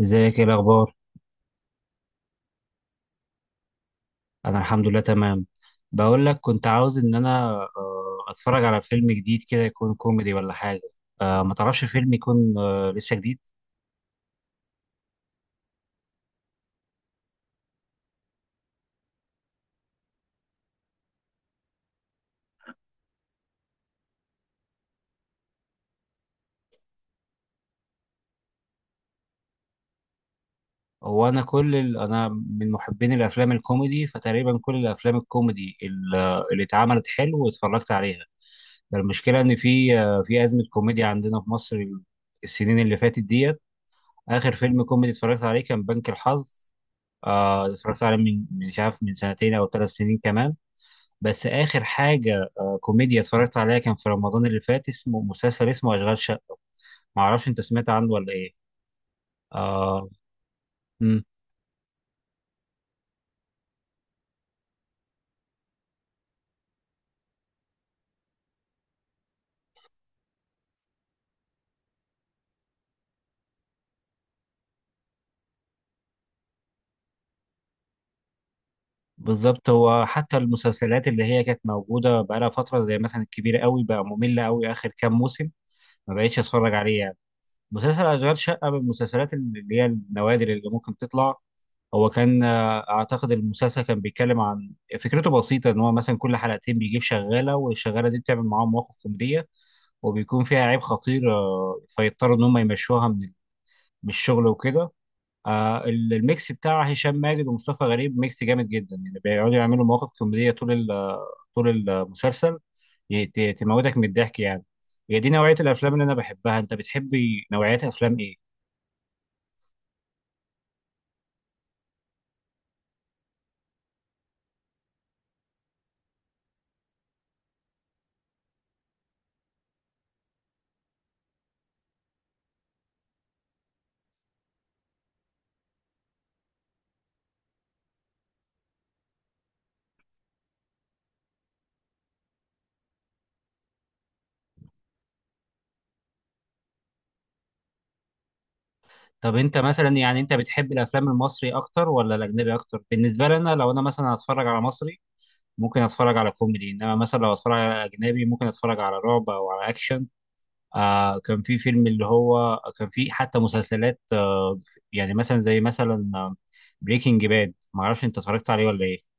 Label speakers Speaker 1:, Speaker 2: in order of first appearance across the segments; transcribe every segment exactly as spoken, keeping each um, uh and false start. Speaker 1: ازيك؟ ايه الاخبار؟ انا الحمد لله تمام. بقول لك كنت عاوز ان انا آه، اتفرج على فيلم جديد كده، يكون كوميدي ولا حاجه. آه، ما تعرفش فيلم يكون آه، لسه جديد؟ هو انا كل ال... انا من محبين الافلام الكوميدي، فتقريبا كل الافلام الكوميدي ال- آه، اللي اتعملت حلو واتفرجت عليها. المشكله ان في آه، في ازمه كوميديا عندنا في مصر، السنين اللي فاتت ديت. اخر فيلم كوميدي اتفرجت عليه كان بنك الحظ، آه، اتفرجت عليه من من- مش عارف، من سنتين او ثلاث سنين كمان. بس آخر حاجة آه، كوميديا اتفرجت عليها كان في رمضان اللي فات، اسمه مسلسل اسمه أشغال شقة. معرفش أنت سمعت عنه ولا إيه؟ آه. مم. بالظبط، هو حتى المسلسلات اللي هي كانت موجودة بقالها فترة، زي مثلا الكبير قوي بقى ممل قوي آخر كام موسم، ما بقتش أتفرج عليه يعني. مسلسل أشغال شقة من المسلسلات اللي هي النوادر اللي ممكن تطلع. هو كان آه، اعتقد المسلسل كان بيتكلم عن، فكرته بسيطه ان هو مثلا كل حلقتين بيجيب شغاله، والشغاله دي بتعمل معاهم مواقف كوميديه وبيكون فيها عيب خطير، آه، فيضطروا ان هم يمشوها من من الشغل وكده. آه، ال- الميكس بتاع هشام ماجد ومصطفى غريب ميكس جامد جدا، يعني بيقعدوا يعملوا مواقف كوميديه طول ال- طول المسلسل. ي- ت- تموتك من الضحك يعني. هي دي نوعيه الافلام اللي انا بحبها، انت بتحبي نوعيات افلام ايه؟ طب انت مثلا، يعني انت بتحب الافلام المصري اكتر ولا الاجنبي اكتر؟ بالنسبه لي انا، لو انا مثلا هتفرج على مصري ممكن اتفرج على كوميدي، انما مثلا لو اتفرج على اجنبي ممكن اتفرج على رعب او على اكشن. آه، كان في فيلم اللي هو كان، في حتى مسلسلات آه، يعني مثلا زي مثلا بريكنج باد، ما اعرفش انت اتفرجت عليه ولا ايه؟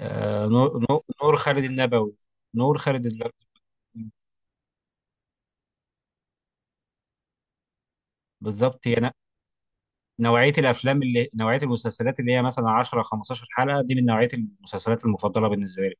Speaker 1: آه نور، نور نور خالد النبوي. نور خالد النبوي. بالظبط يعني، نوعية الأفلام اللي نوعية المسلسلات اللي هي مثلا عشر خمستاشر حلقة دي من نوعية المسلسلات المفضلة بالنسبة لي.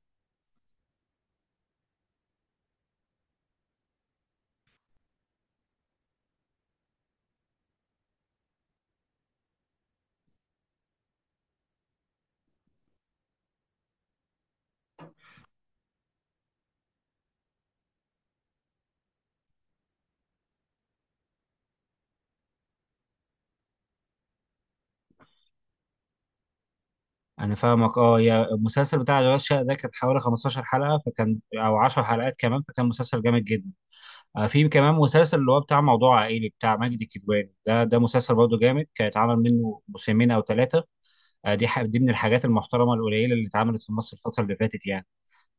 Speaker 1: أنا فاهمك أه. يا المسلسل بتاع أشغال شقة ده كانت حوالي خمستاشر حلقة، فكان أو عشرة حلقات كمان، فكان مسلسل جامد جدا. آه، في كمان مسلسل اللي هو بتاع موضوع عائلي بتاع ماجد الكدواني، ده ده مسلسل برضه جامد، كان اتعمل منه موسمين أو ثلاثة. آه، دي ح- دي من الحاجات المحترمة القليلة اللي اتعملت في مصر الفترة اللي فاتت يعني.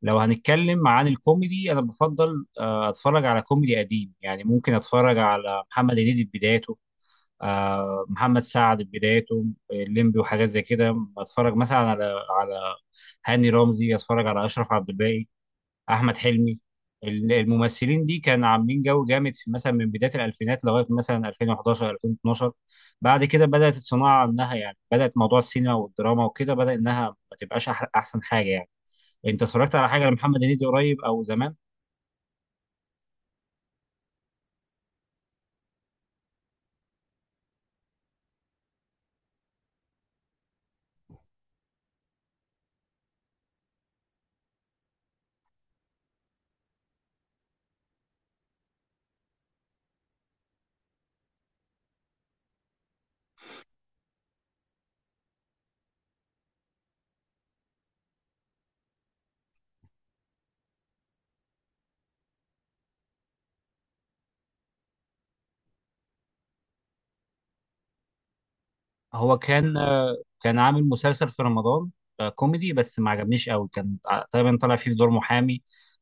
Speaker 1: لو هنتكلم عن الكوميدي، أنا بفضل آه أتفرج على كوميدي قديم، يعني ممكن أتفرج على محمد هنيدي في بدايته، آه، محمد سعد في بدايته، الليمبي وحاجات زي كده. بتفرج مثلا على، على هاني رمزي، اتفرج على اشرف عبد الباقي، احمد حلمي. ال- الممثلين دي كانوا عاملين جو جامد، في- مثلا من بدايه الالفينات لغايه مثلا ألفين وحداشر ألفين واتناشر. بعد كده بدات الصناعه انها يعني بدات موضوع السينما والدراما وكده، بدا انها ما تبقاش أح- احسن حاجه يعني. انت اتفرجت على حاجه لمحمد هنيدي قريب او زمان؟ هو كان آه، كان عامل مسلسل في رمضان، آه، كوميدي بس ما عجبنيش قوي، كان ع- تقريبا طلع فيه في دور محامي.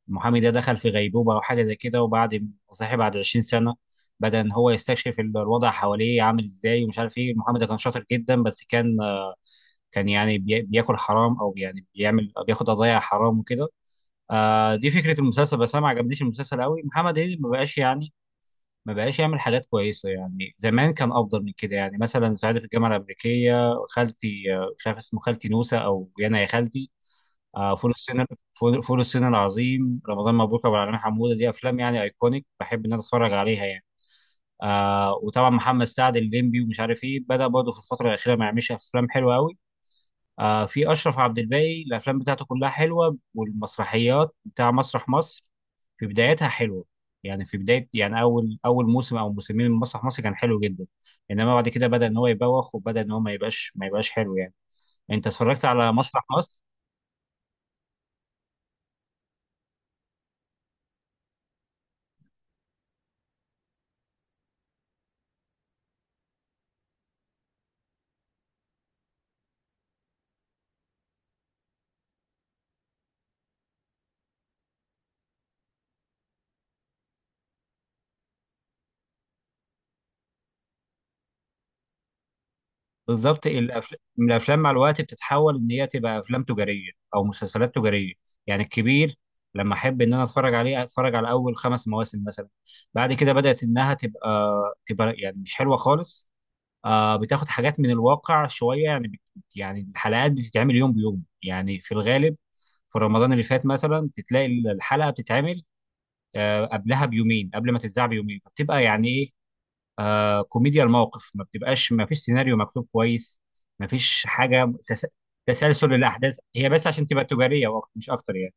Speaker 1: المحامي ده دخل في غيبوبة او حاجة زي كده، وبعد صحي بعد عشرين سنة بدأ ان هو يستكشف ال- الوضع حواليه عامل ازاي ومش عارف ايه. المحامي ده كان شاطر جدا بس كان آه، كان يعني بي- بياكل حرام، او يعني بيعمل بياخد قضايا حرام وكده. آه، دي فكرة المسلسل، بس انا ما عجبنيش المسلسل قوي. محمد هنيدي ما بقاش يعني، ما بقاش يعمل حاجات كويسة يعني، زمان كان أفضل من كده. يعني مثلا ساعتي في الجامعة الأمريكية، خالتي، آه، مش عارف اسمه، خالتي نوسة أو يانا يا خالتي، آه، فول الصين، فول فول الصين العظيم، رمضان مبروك أبو العلمين، حمودة، دي أفلام يعني أيكونيك بحب إن أنا أتفرج عليها يعني. آه وطبعا محمد سعد الليمبي ومش عارف إيه، بدأ برضه في الفترة الأخيرة ما يعملش أفلام حلوة أوي. آه في اشرف عبد الباقي الافلام بتاعته كلها حلوه، والمسرحيات بتاع مسرح مصر في بدايتها حلوه. يعني في بدايه يعني، اول اول موسم او موسمين من مسرح مصر كان حلو جدا، انما بعد كده بدا ان هو يبوخ، وبدا ان هو ما يبقاش ما يبقاش حلو يعني. انت اتفرجت على مسرح مصر؟ بالظبط. الأفل- الافلام مع الوقت بتتحول ان هي تبقى افلام تجاريه او مسلسلات تجاريه. يعني الكبير لما احب ان انا اتفرج عليه، اتفرج على اول خمس مواسم مثلا، بعد كده بدات انها تبقى، تبقى يعني مش حلوه خالص. آه بتاخد حاجات من الواقع شويه، يعني بت- يعني الحلقات بتتعمل يوم بيوم يعني في الغالب. في رمضان اللي فات مثلا بتلاقي الحلقه بتتعمل آه قبلها بيومين، قبل ما تتذاع بيومين، فبتبقى يعني ايه، آه كوميديا الموقف، ما بتبقاش، ما فيش سيناريو مكتوب كويس، ما فيش حاجه تس- تسلسل الاحداث، هي بس عشان تبقى تجاريه وأكتر- مش اكتر يعني.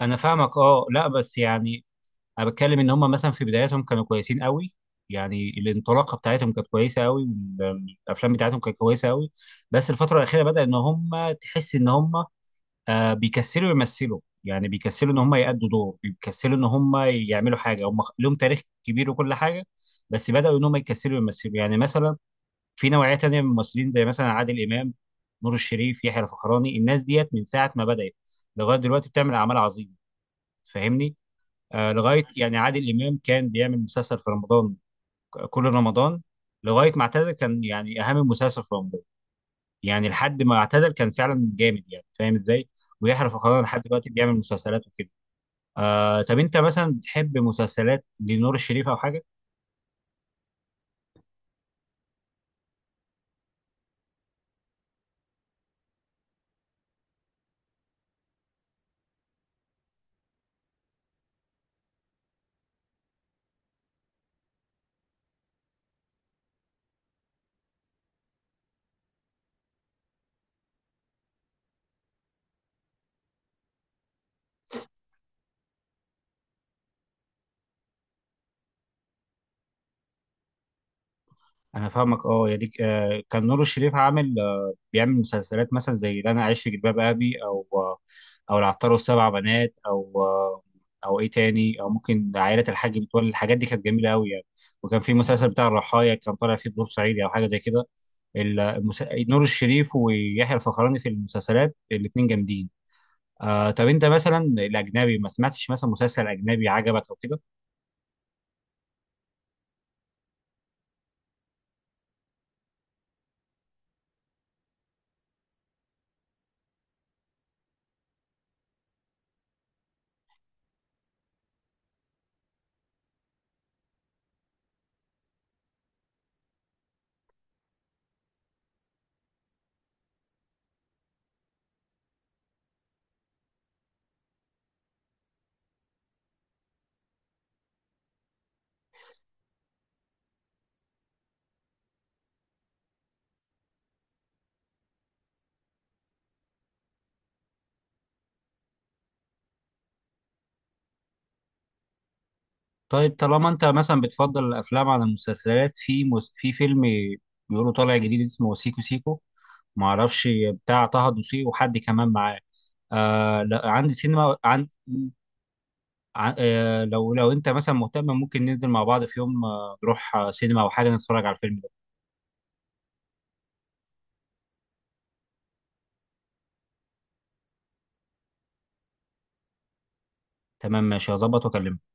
Speaker 1: انا فاهمك اه. لا بس يعني، انا بتكلم ان هم مثلا في بداياتهم كانوا كويسين قوي، يعني الانطلاقه بتاعتهم كانت كويسه قوي، والافلام بتاعتهم كانت كويسه قوي. بس الفتره الاخيره بدا ان هم، تحس ان هم آه، بيكسلوا يمثلوا، يعني بيكسلوا ان هم يأدوا دور، بيكسلوا ان هم يعملوا حاجه. هم لهم تاريخ كبير وكل حاجه، بس بداوا ان هم يكسلوا يمثلوا. يعني مثلا في نوعيه تانيه من الممثلين زي مثلا عادل امام، نور الشريف، يحيى الفخراني، الناس ديت من ساعه ما بدات لغايه دلوقتي بتعمل اعمال عظيمه. فاهمني؟ آه، لغايه يعني عادل امام كان بيعمل مسلسل في رمضان، ك- كل رمضان لغايه ما اعتزل، كان يعني اهم مسلسل في رمضان، يعني لحد ما اعتزل كان فعلا جامد يعني، فاهم ازاي؟ ويحرف القناه لحد دلوقتي بيعمل مسلسلات وكده. آه طب انت مثلا بتحب مسلسلات لنور الشريف او حاجه؟ انا فاهمك اه. يعني آه، كان نور الشريف عامل آه، بيعمل مسلسلات مثلا زي اللي انا عايش في جلباب ابي، او آه، او العطار والسبع بنات، او آه، او ايه تاني، او ممكن عائله الحاج متولي. الحاجات دي كانت جميله قوي يعني. وكان في مسلسل بتاع الرحايا كان طالع فيه بدور صعيدي او حاجه زي كده. ال- المس... نور الشريف ويحيى الفخراني في المسلسلات الاثنين جامدين. آه طب انت مثلا الاجنبي، ما سمعتش مثلا مسلسل اجنبي عجبك او كده؟ طيب طالما انت مثلا بتفضل الافلام على المسلسلات، في مس... في فيلم بيقولوا طالع جديد اسمه سيكو سيكو، ما اعرفش بتاع طه دسوقي وحد كمان معاه، آه لا عندي سينما عند، ع- آه لو لو انت مثلا مهتم ممكن ننزل مع بعض في يوم آه، نروح آه، سينما او حاجه نتفرج على الفيلم ده. تمام ماشي، هظبط واكلمك.